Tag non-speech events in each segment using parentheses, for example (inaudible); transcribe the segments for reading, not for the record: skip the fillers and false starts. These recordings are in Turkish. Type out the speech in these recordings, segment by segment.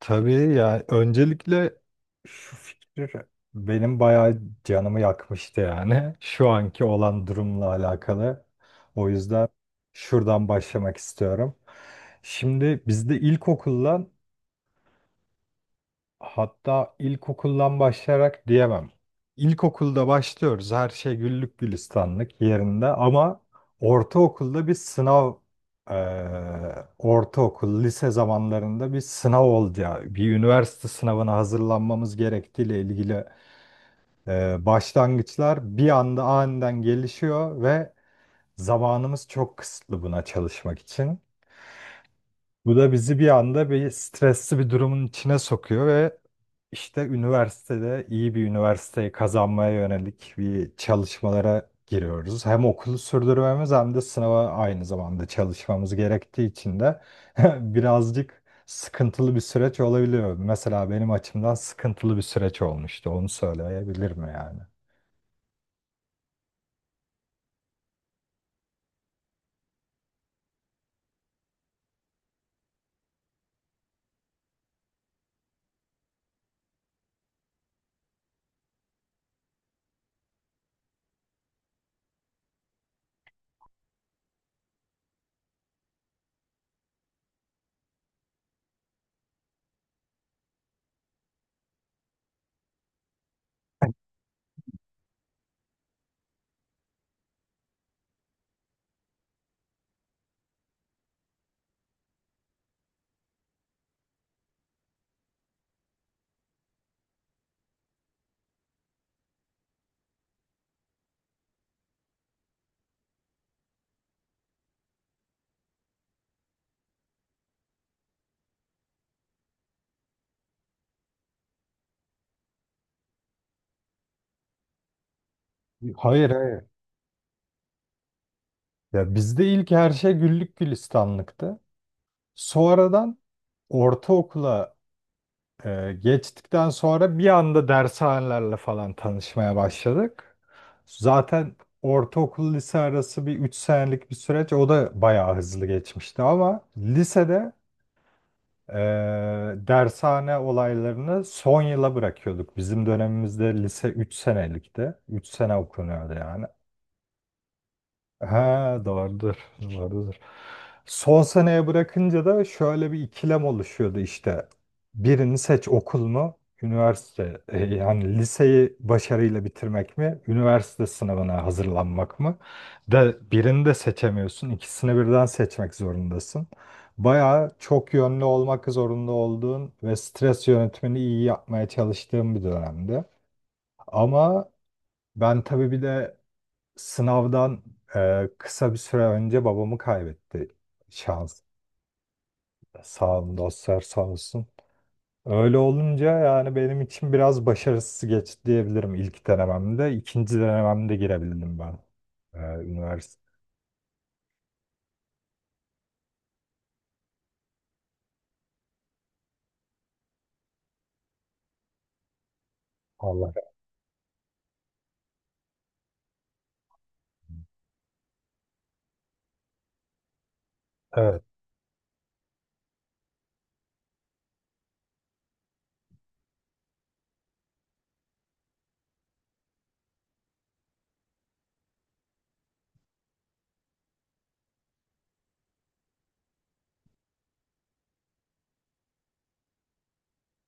Tabii ya öncelikle şu fikir benim bayağı canımı yakmıştı yani (laughs) şu anki olan durumla alakalı. O yüzden şuradan başlamak istiyorum. Şimdi bizde hatta ilkokuldan başlayarak diyemem. İlkokulda başlıyoruz, her şey güllük gülistanlık yerinde, ama ortaokulda bir sınav, ortaokul lise zamanlarında bir sınav oldu ya, bir üniversite sınavına hazırlanmamız gerektiğiyle ilgili. Başlangıçlar bir anda aniden gelişiyor ve zamanımız çok kısıtlı buna çalışmak için. Bu da bizi bir anda bir stresli bir durumun içine sokuyor ve işte üniversitede iyi bir üniversiteyi kazanmaya yönelik bir çalışmalara giriyoruz. Hem okulu sürdürmemiz hem de sınava aynı zamanda çalışmamız gerektiği için de (laughs) birazcık sıkıntılı bir süreç olabiliyor. Mesela benim açımdan sıkıntılı bir süreç olmuştu. Onu söyleyebilirim yani. Hayır, hayır. Ya bizde ilk her şey güllük gülistanlıktı. Sonradan ortaokula geçtikten sonra bir anda dershanelerle falan tanışmaya başladık. Zaten ortaokul lise arası bir 3 senelik bir süreç. O da bayağı hızlı geçmişti ama lisede e, dershane olaylarını son yıla bırakıyorduk. Bizim dönemimizde lise 3 senelikti. 3 sene okunuyordu yani. Ha, doğrudur, doğrudur. Son seneye bırakınca da şöyle bir ikilem oluşuyordu işte. Birini seç, okul mu, yani liseyi başarıyla bitirmek mi, üniversite sınavına hazırlanmak mı? De birini de seçemiyorsun, ikisini birden seçmek zorundasın. Bayağı çok yönlü olmak zorunda olduğun ve stres yönetimini iyi yapmaya çalıştığım bir dönemdi. Ama ben tabii bir de sınavdan kısa bir süre önce babamı kaybetti. Şans, sağ olun dostlar, sağ olsun. Öyle olunca yani benim için biraz başarısız geçti diyebilirim ilk denememde. İkinci denememde girebildim ben. E, üniversite. Allah. Evet,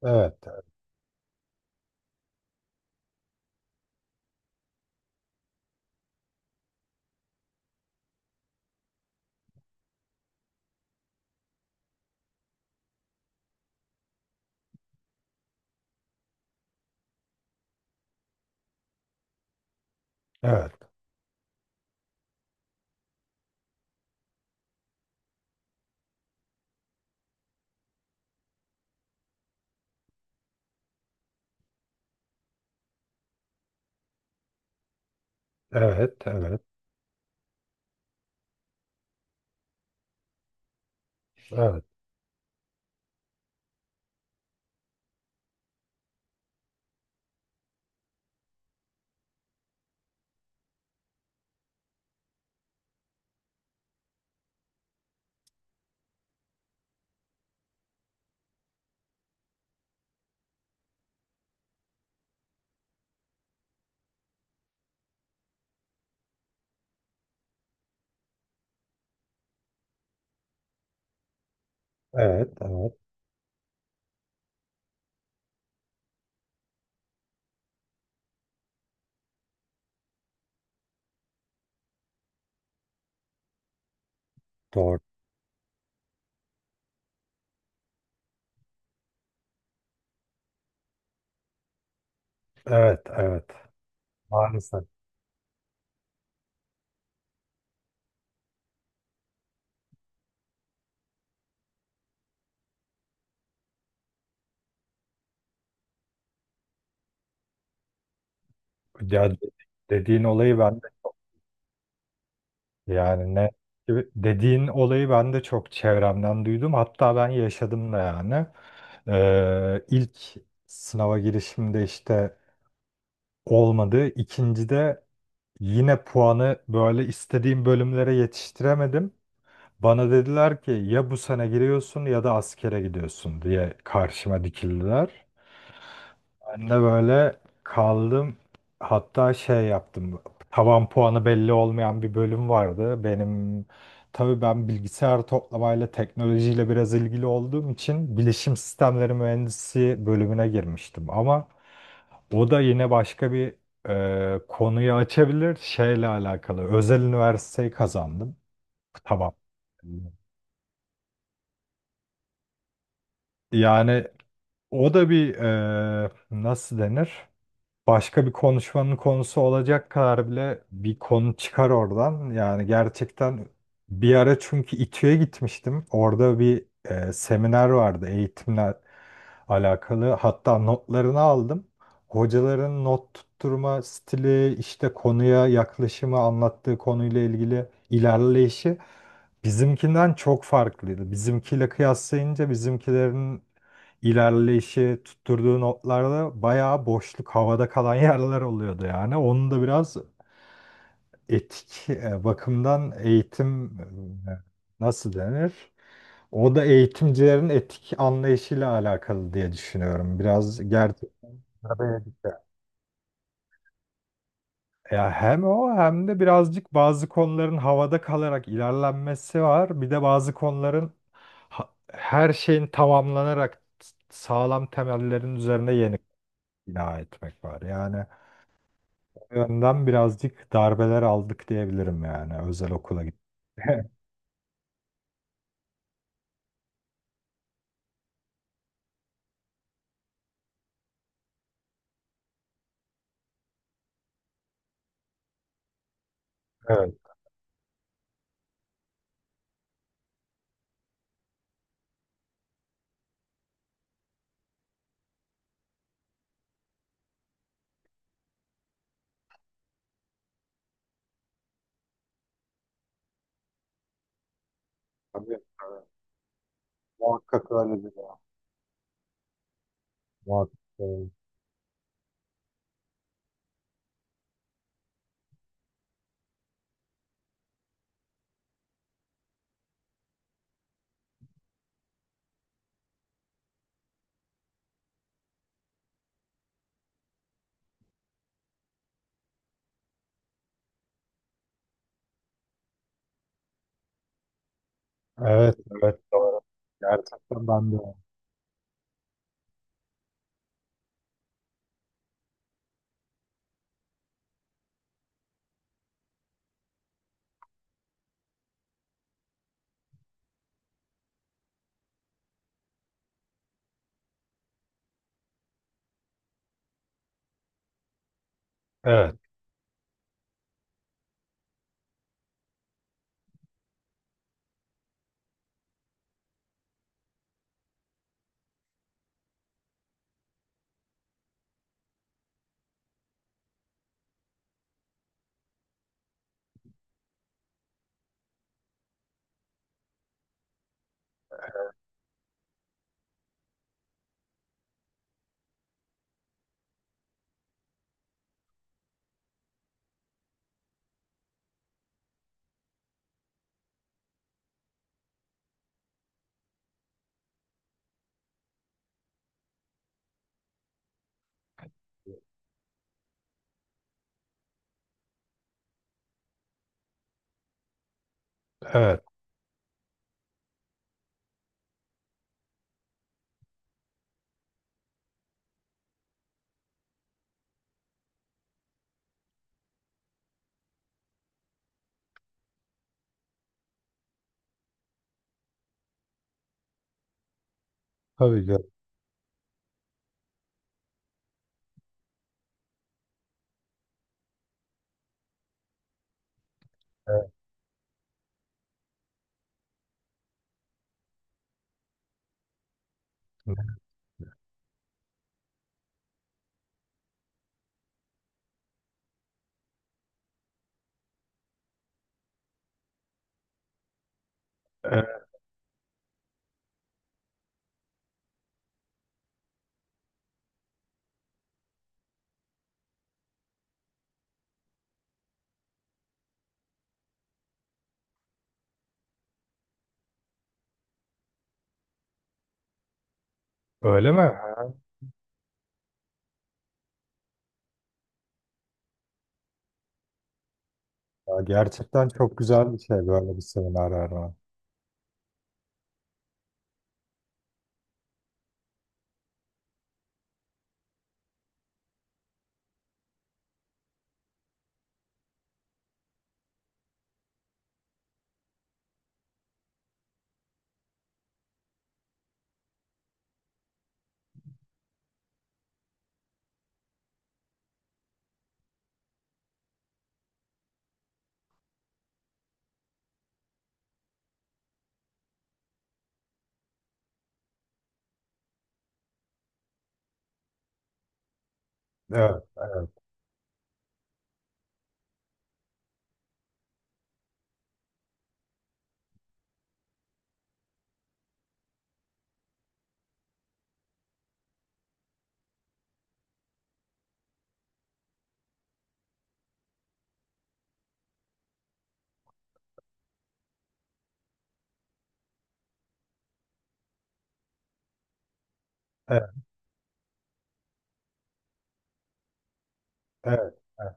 evet, evet, evet, evet, evet, evet, evet, doğru. Evet, evet. Maalesef. Ya dediğin olayı ben. Yani ne dediğin olayı ben de çok çevremden duydum. Hatta ben yaşadım da yani. İlk sınava girişimde işte olmadı. İkincide yine puanı böyle istediğim bölümlere yetiştiremedim. Bana dediler ki ya bu sene giriyorsun ya da askere gidiyorsun diye karşıma dikildiler. Ben de böyle kaldım. Hatta şey yaptım. Tavan puanı belli olmayan bir bölüm vardı. Tabii ben bilgisayar toplamayla teknolojiyle biraz ilgili olduğum için bilişim sistemleri mühendisi bölümüne girmiştim. Ama o da yine başka bir konuyu açabilir. Şeyle alakalı. Özel üniversiteyi kazandım. Tamam. Yani o da bir nasıl denir? Başka bir konuşmanın konusu olacak kadar bile bir konu çıkar oradan. Yani gerçekten bir ara çünkü İTÜ'ye gitmiştim. Orada bir seminer vardı eğitimle alakalı. Hatta notlarını aldım. Hocaların not tutturma stili, işte konuya yaklaşımı, anlattığı konuyla ilgili ilerleyişi bizimkinden çok farklıydı. Bizimkiyle kıyaslayınca bizimkilerin ilerleyişi tutturduğu notlarda bayağı boşluk, havada kalan (laughs) yerler oluyordu yani. Onun da biraz etik bakımdan eğitim nasıl denir? O da eğitimcilerin etik anlayışıyla alakalı diye düşünüyorum. Biraz gerçekten de- ya, hem o hem de birazcık bazı konuların havada kalarak ilerlenmesi var. Bir de bazı konuların her şeyin tamamlanarak sağlam temellerin üzerine yeni bina etmek var. Yani yönden birazcık darbeler aldık diyebilirim yani özel okula gitti. (laughs) Evet. Tabii, tabii. Muhakkak öyledir ya. Muhakkak. Öyledir. Evet, evet, doğru. Gerçekten ben de. Evet, evet. Tabii ki. Evet. Evet. Öyle mi? Ya gerçekten çok güzel bir şey böyle bir seminer verme. Evet, evet, evet, evet, evet.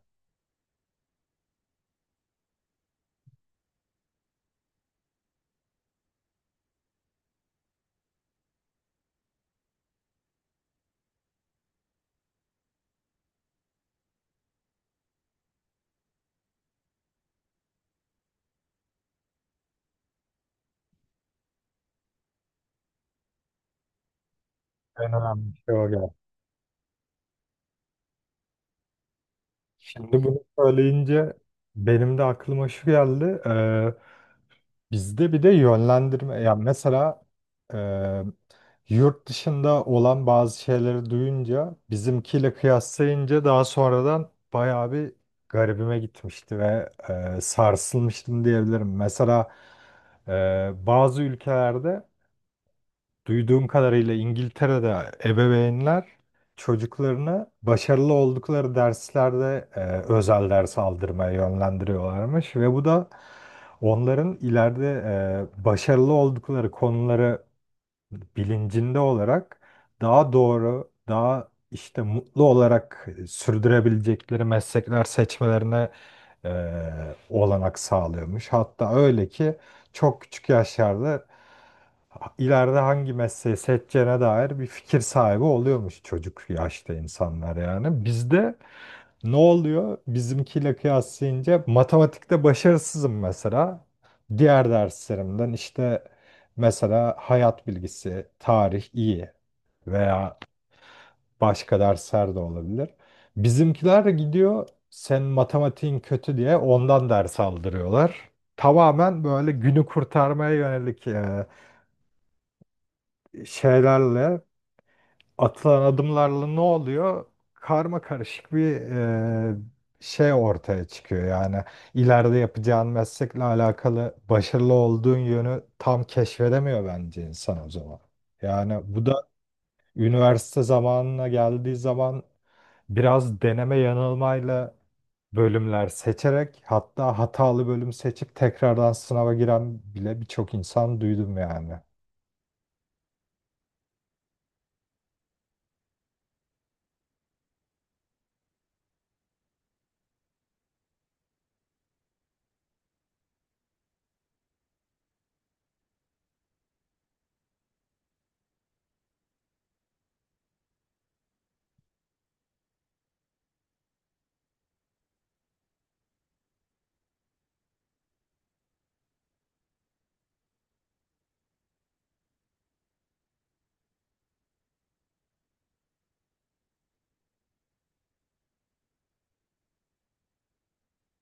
En önemli şey o geldi. Şimdi bunu söyleyince benim de aklıma şu geldi. Bizde bir de yönlendirme yani mesela e, yurt dışında olan bazı şeyleri duyunca bizimkiyle kıyaslayınca daha sonradan bayağı bir garibime gitmişti ve sarsılmıştım diyebilirim. Mesela bazı ülkelerde duyduğum kadarıyla İngiltere'de ebeveynler çocuklarını başarılı oldukları derslerde özel ders aldırmaya yönlendiriyorlarmış ve bu da onların ileride başarılı oldukları konuları bilincinde olarak daha doğru, daha işte mutlu olarak sürdürebilecekleri meslekler seçmelerine olanak sağlıyormuş. Hatta öyle ki çok küçük yaşlarda ileride hangi mesleği seçeceğine dair bir fikir sahibi oluyormuş çocuk yaşta insanlar yani. Bizde ne oluyor? Bizimkiyle kıyaslayınca matematikte başarısızım mesela. Diğer derslerimden işte mesela hayat bilgisi, tarih iyi veya başka dersler de olabilir. Bizimkiler de gidiyor sen matematiğin kötü diye ondan ders aldırıyorlar. Tamamen böyle günü kurtarmaya yönelik şeylerle atılan adımlarla ne oluyor? Karma karışık bir e, şey ortaya çıkıyor yani. İleride yapacağın meslekle alakalı başarılı olduğun yönü tam keşfedemiyor bence insan o zaman. Yani bu üniversite zamanına geldiği zaman biraz deneme yanılmayla bölümler seçerek hatta hatalı bölüm seçip tekrardan sınava giren bile birçok insan duydum yani.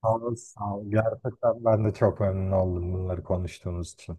Sağ ol, sağ ol. Gerçekten ben de çok memnun oldum bunları konuştuğumuz için.